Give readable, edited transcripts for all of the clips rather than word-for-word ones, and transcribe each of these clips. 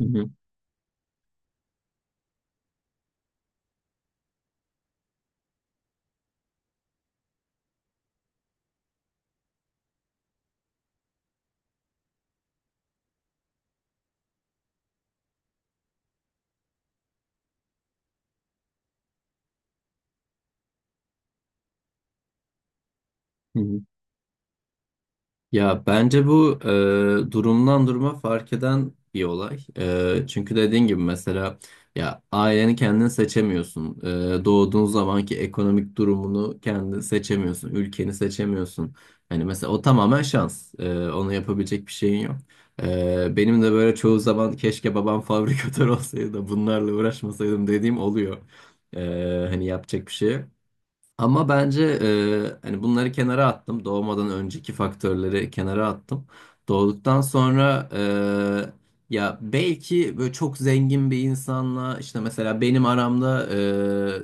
Hı hı, hı hı. Ya bence bu durumdan duruma fark eden bir olay. Çünkü dediğin gibi mesela ya aileni kendin seçemiyorsun. Doğduğun zamanki ekonomik durumunu kendin seçemiyorsun. Ülkeni seçemiyorsun. Hani mesela o tamamen şans. Onu yapabilecek bir şeyin yok. Benim de böyle çoğu zaman keşke babam fabrikatör olsaydı da bunlarla uğraşmasaydım dediğim oluyor. Hani yapacak bir şey yok. Ama bence hani bunları kenara attım. Doğmadan önceki faktörleri kenara attım. Doğduktan sonra ya belki böyle çok zengin bir insanla işte mesela benim aramda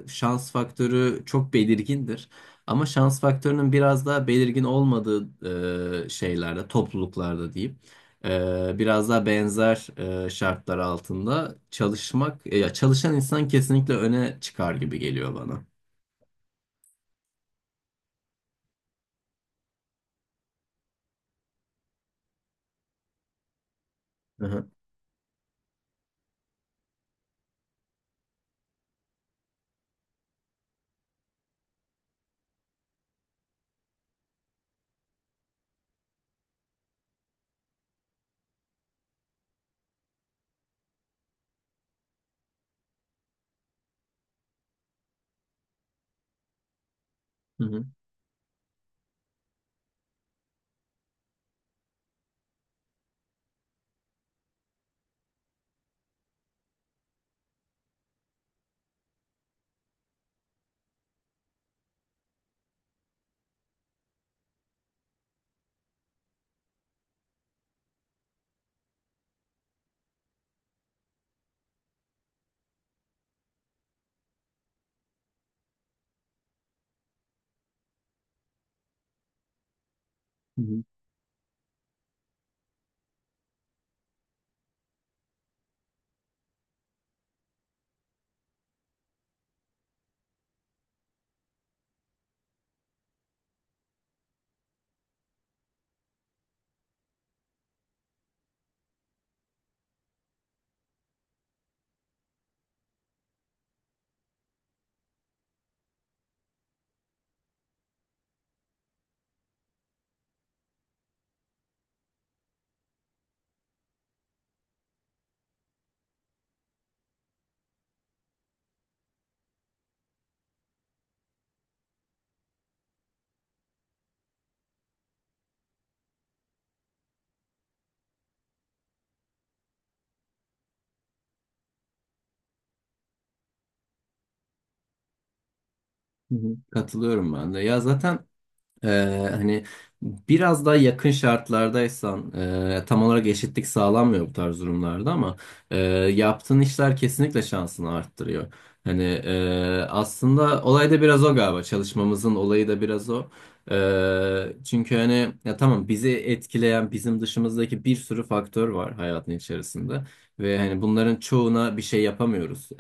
şans faktörü çok belirgindir. Ama şans faktörünün biraz daha belirgin olmadığı şeylerde, topluluklarda diyeyim. Biraz daha benzer şartlar altında çalışmak, ya çalışan insan kesinlikle öne çıkar gibi geliyor bana. Hı hı. Hı hı. Hı hı, hı hı. Katılıyorum ben de. Ya zaten hani biraz daha yakın şartlardaysan tam olarak eşitlik sağlanmıyor bu tarz durumlarda ama e, yaptığın işler kesinlikle şansını arttırıyor. Hani aslında olay da biraz o galiba çalışmamızın olayı da biraz o. Çünkü hani ya tamam bizi etkileyen bizim dışımızdaki bir sürü faktör var hayatın içerisinde ve hani bunların çoğuna bir şey yapamıyoruz.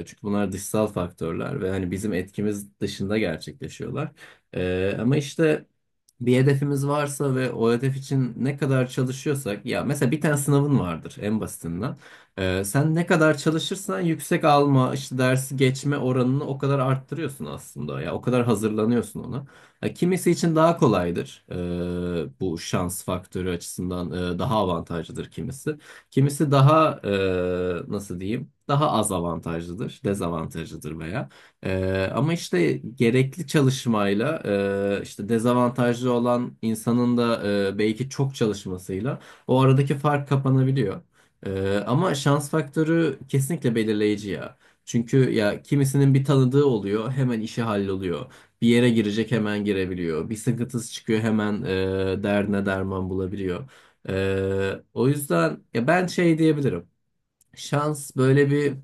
Çünkü bunlar dışsal faktörler ve hani bizim etkimiz dışında gerçekleşiyorlar. Ama işte bir hedefimiz varsa ve o hedef için ne kadar çalışıyorsak ya mesela bir tane sınavın vardır en basitinden. Sen ne kadar çalışırsan yüksek alma işte dersi geçme oranını o kadar arttırıyorsun aslında ya o kadar hazırlanıyorsun ona. Ya kimisi için daha kolaydır bu şans faktörü açısından daha avantajlıdır kimisi. Kimisi daha nasıl diyeyim daha az avantajlıdır dezavantajlıdır veya. Ama işte gerekli çalışmayla işte dezavantajlı olan insanın da belki çok çalışmasıyla o aradaki fark kapanabiliyor. Ama şans faktörü kesinlikle belirleyici ya. Çünkü ya kimisinin bir tanıdığı oluyor hemen işi halloluyor. Bir yere girecek hemen girebiliyor. Bir sıkıntısı çıkıyor hemen derdine derman bulabiliyor. O yüzden ya ben şey diyebilirim. Şans böyle bir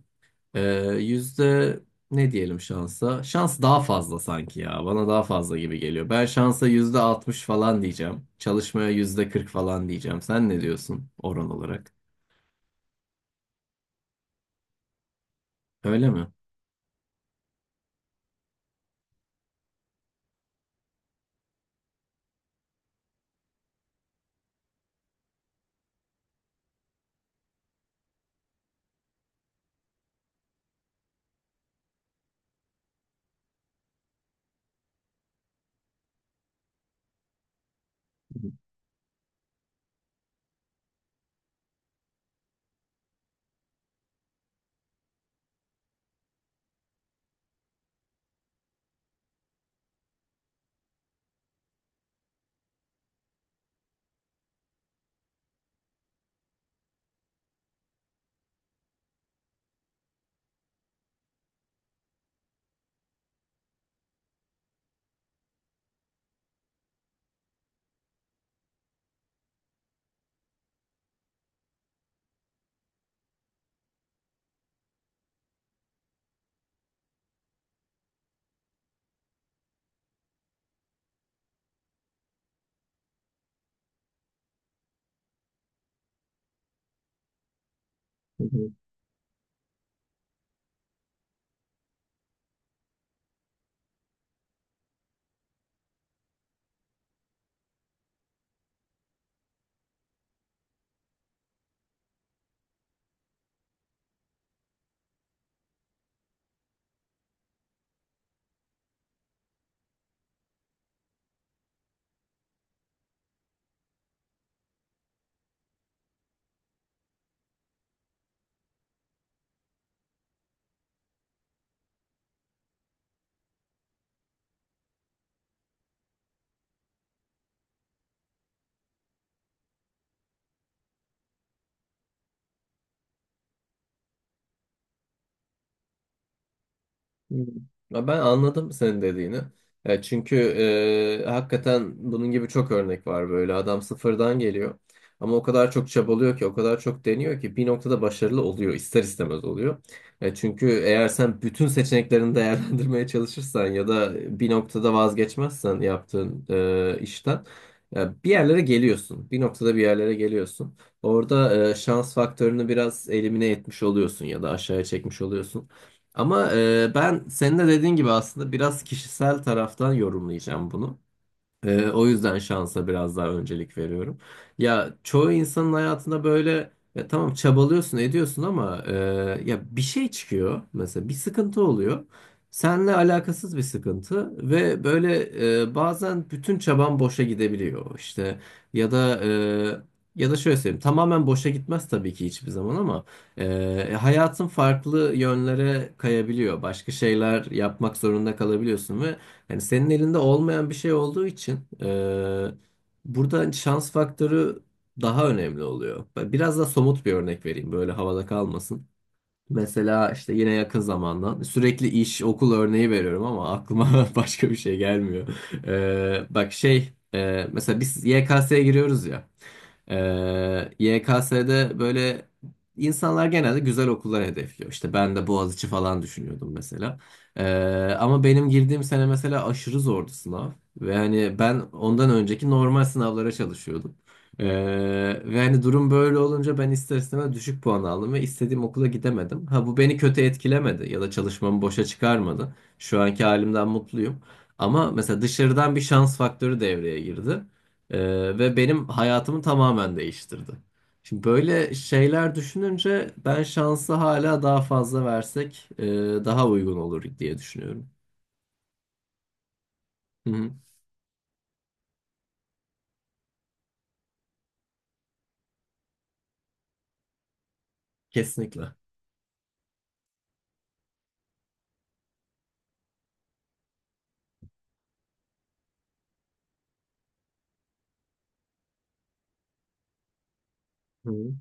ee, yüzde ne diyelim şansa? Şans daha fazla sanki ya. Bana daha fazla gibi geliyor. Ben şansa yüzde altmış falan diyeceğim. Çalışmaya yüzde kırk falan diyeceğim. Sen ne diyorsun oran olarak? Öyle mi? Hmm. Ya ben anladım senin dediğini. Ya çünkü hakikaten bunun gibi çok örnek var böyle. Adam sıfırdan geliyor. Ama o kadar çok çabalıyor ki, o kadar çok deniyor ki bir noktada başarılı oluyor. İster istemez oluyor. Çünkü eğer sen bütün seçeneklerini değerlendirmeye çalışırsan ya da bir noktada vazgeçmezsen yaptığın işten ya bir yerlere geliyorsun. Bir noktada bir yerlere geliyorsun. Orada şans faktörünü biraz elimine etmiş oluyorsun ya da aşağıya çekmiş oluyorsun. Ama ben senin de dediğin gibi aslında biraz kişisel taraftan yorumlayacağım bunu. O yüzden şansa biraz daha öncelik veriyorum. Ya çoğu insanın hayatında böyle ya tamam çabalıyorsun ediyorsun ama ya bir şey çıkıyor mesela bir sıkıntı oluyor. Seninle alakasız bir sıkıntı ve böyle bazen bütün çaban boşa gidebiliyor işte ya da e, ya da şöyle söyleyeyim tamamen boşa gitmez tabii ki hiçbir zaman ama hayatın farklı yönlere kayabiliyor. Başka şeyler yapmak zorunda kalabiliyorsun ve yani senin elinde olmayan bir şey olduğu için burada şans faktörü daha önemli oluyor. Ben biraz da somut bir örnek vereyim böyle havada kalmasın. Mesela işte yine yakın zamandan sürekli iş okul örneği veriyorum ama aklıma başka bir şey gelmiyor. Bak şey mesela biz YKS'ye giriyoruz ya. YKS'de böyle insanlar genelde güzel okullar hedefliyor. İşte ben de Boğaziçi falan düşünüyordum mesela. Ama benim girdiğim sene mesela aşırı zordu sınav. Ve hani ben ondan önceki normal sınavlara çalışıyordum. Ee, ve hani durum böyle olunca ben ister istemez düşük puan aldım ve istediğim okula gidemedim. Ha bu beni kötü etkilemedi ya da çalışmamı boşa çıkarmadı. Şu anki halimden mutluyum. Ama mesela dışarıdan bir şans faktörü devreye girdi. Ee, ve benim hayatımı tamamen değiştirdi. Şimdi böyle şeyler düşününce ben şansı hala daha fazla versek daha uygun olur diye düşünüyorum. Hı hı. Kesinlikle. Hı hı.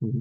Hı hı.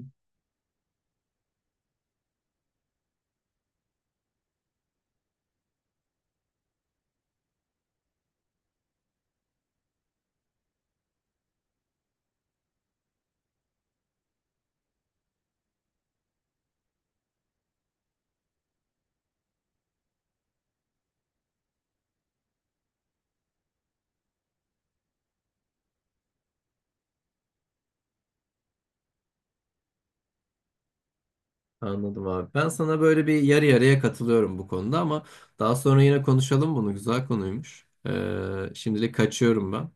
Anladım abi. Ben sana böyle bir yarı yarıya katılıyorum bu konuda ama daha sonra yine konuşalım bunu. Güzel konuymuş. Şimdilik kaçıyorum ben.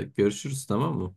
Görüşürüz tamam mı?